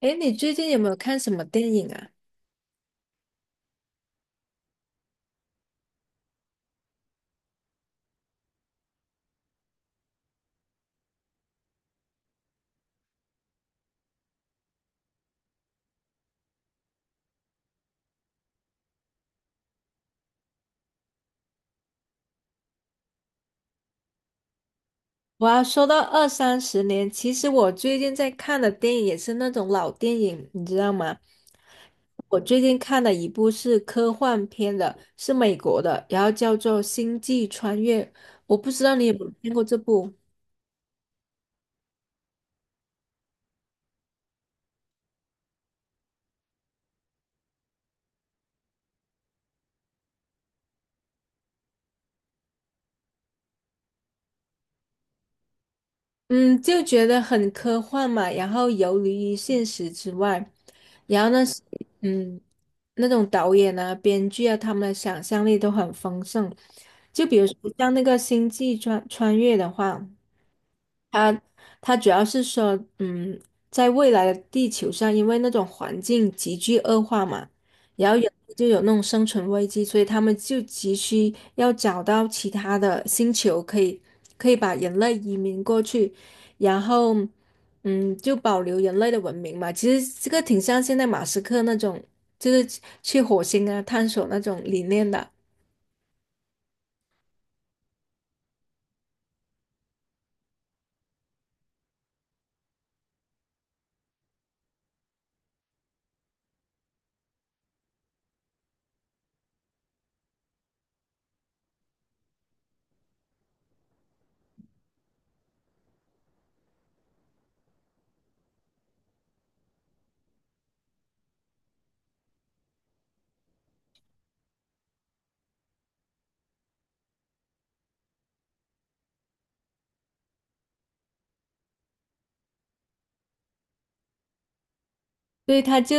诶，你最近有没有看什么电影啊？我要说到二三十年，其实我最近在看的电影也是那种老电影，你知道吗？我最近看的一部是科幻片的，是美国的，然后叫做《星际穿越》，我不知道你有没有看过这部。嗯，就觉得很科幻嘛，然后游离于现实之外，然后那些嗯，那种导演啊、编剧啊，他们的想象力都很丰盛。就比如说像那个《星际穿越》的话。它主要是说，在未来的地球上，因为那种环境急剧恶化嘛，然后就有那种生存危机，所以他们就急需要找到其他的星球，可以把人类移民过去，然后，就保留人类的文明嘛。其实这个挺像现在马斯克那种，就是去火星啊探索那种理念的。对，以它就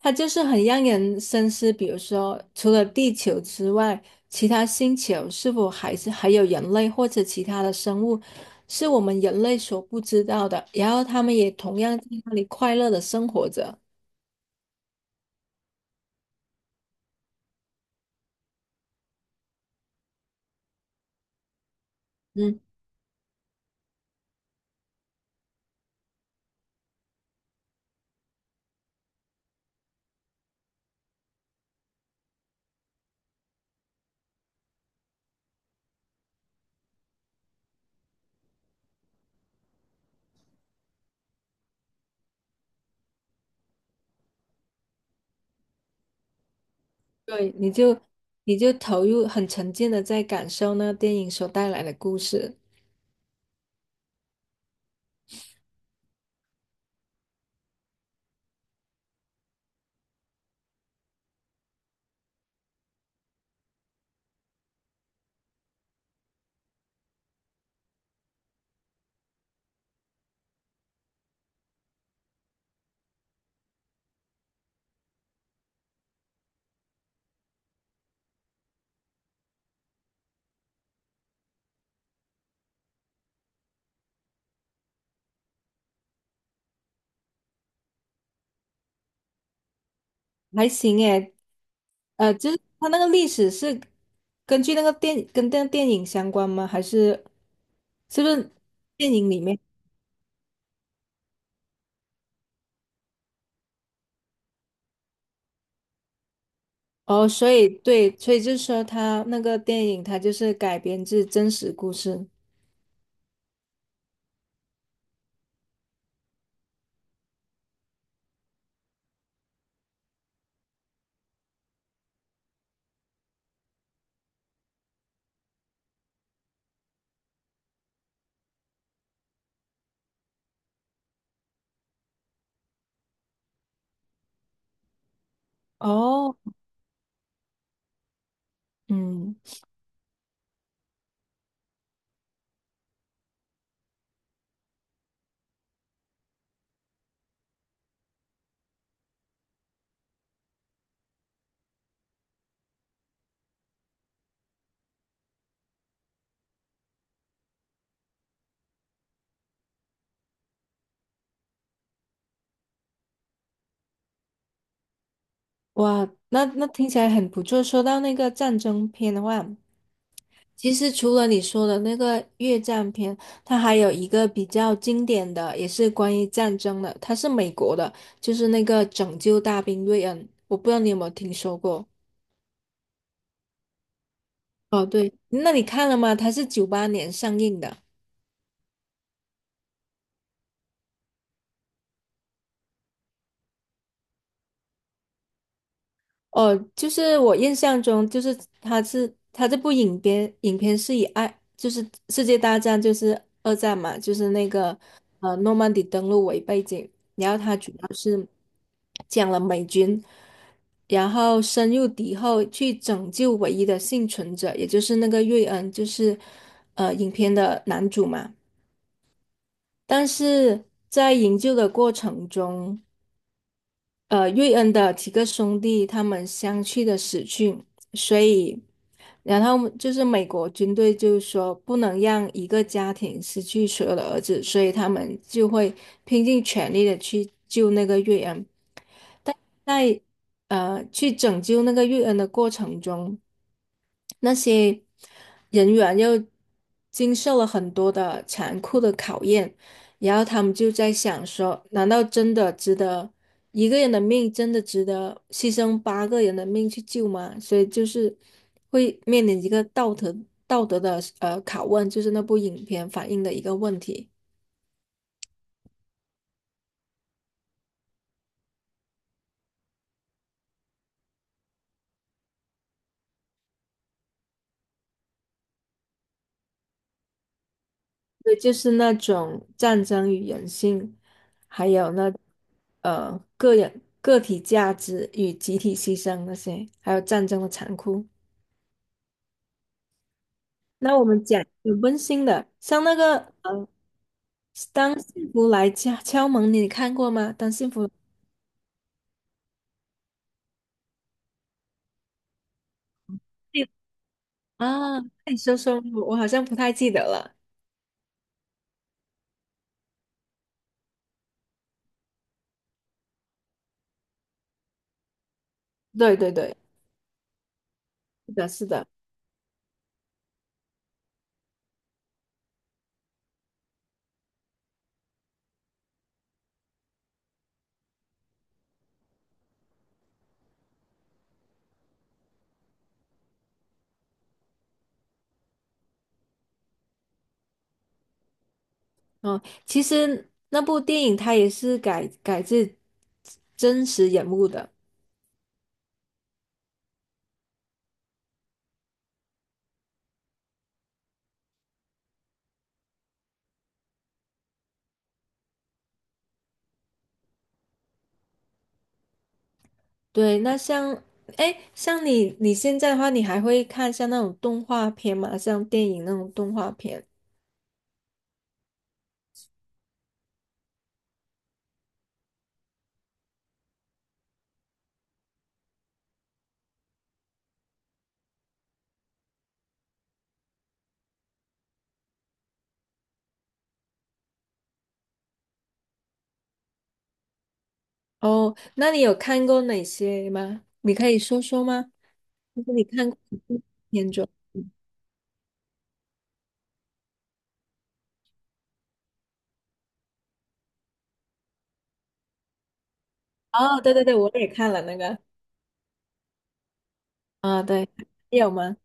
它就是很让人深思，比如说，除了地球之外，其他星球是否还有人类或者其他的生物，是我们人类所不知道的，然后他们也同样在那里快乐的生活着。嗯，对，你就投入很沉浸的在感受那个电影所带来的故事。还行诶，就是它那个历史是根据那个电跟电电影相关吗？还是是不是电影里面？哦，所以对，所以就是说它那个电影它就是改编自真实故事。哦，嗯，哇，那听起来很不错。说到那个战争片的话，其实除了你说的那个越战片，它还有一个比较经典的，也是关于战争的，它是美国的，就是那个《拯救大兵瑞恩》，我不知道你有没有听说过？哦，对，那你看了吗？它是98年上映的。哦，就是我印象中，就是他这部影片是以爱，就是世界大战，就是二战嘛，就是那个诺曼底登陆为背景，然后他主要是讲了美军，然后深入敌后去拯救唯一的幸存者，也就是那个瑞恩，就是影片的男主嘛。但是在营救的过程中，瑞恩的几个兄弟他们相继的死去，所以，然后就是美国军队就是说不能让一个家庭失去所有的儿子，所以他们就会拼尽全力的去救那个瑞恩。在去拯救那个玉恩的过程中，那些人员又经受了很多的残酷的考验，然后他们就在想说，难道真的值得一个人的命真的值得牺牲八个人的命去救吗？所以就是会面临一个道德的拷问，就是那部影片反映的一个问题。对，就是那种战争与人性，还有那个人个体价值与集体牺牲那些，还有战争的残酷。那我们讲有温馨的，像那个呃，当幸福来敲门，你看过吗？当幸福来啊，那你说说，我好像不太记得了。对对对，是的，是的。嗯，其实那部电影它也是改自真实人物的。对，那像，哎，像你现在的话，你还会看像那种动画片吗？像电影那种动画片？哦，那你有看过哪些吗？你可以说说吗？就是你看过哪些片种？哦，对对对，我也看了那个。啊，对，你有吗？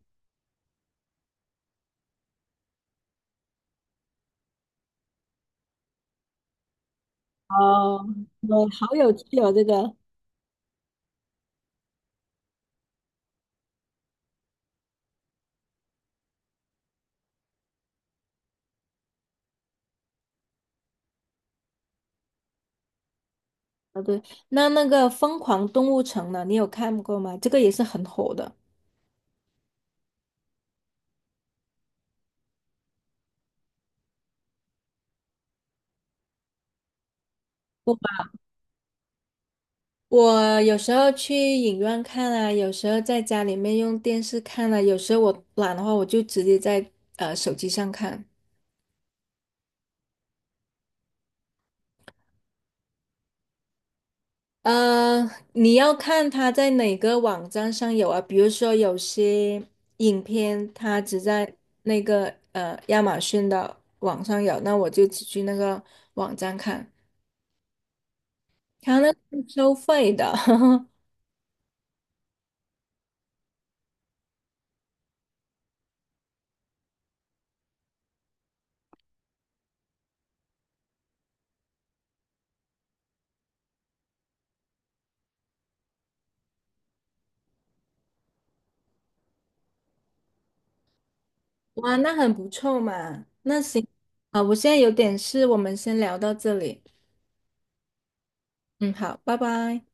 哦，我好有趣哦，这个。啊，对，那个《疯狂动物城》呢？你有看过吗？这个也是很火的。我有时候去影院看啊，有时候在家里面用电视看啊，有时候我懒的话，我就直接在手机上看。呃，你要看它在哪个网站上有啊？比如说有些影片它只在那个亚马逊的网上有，那我就只去那个网站看。它那是收费的，哇，那很不错嘛。那行啊，我现在有点事，我们先聊到这里。嗯，好，拜拜。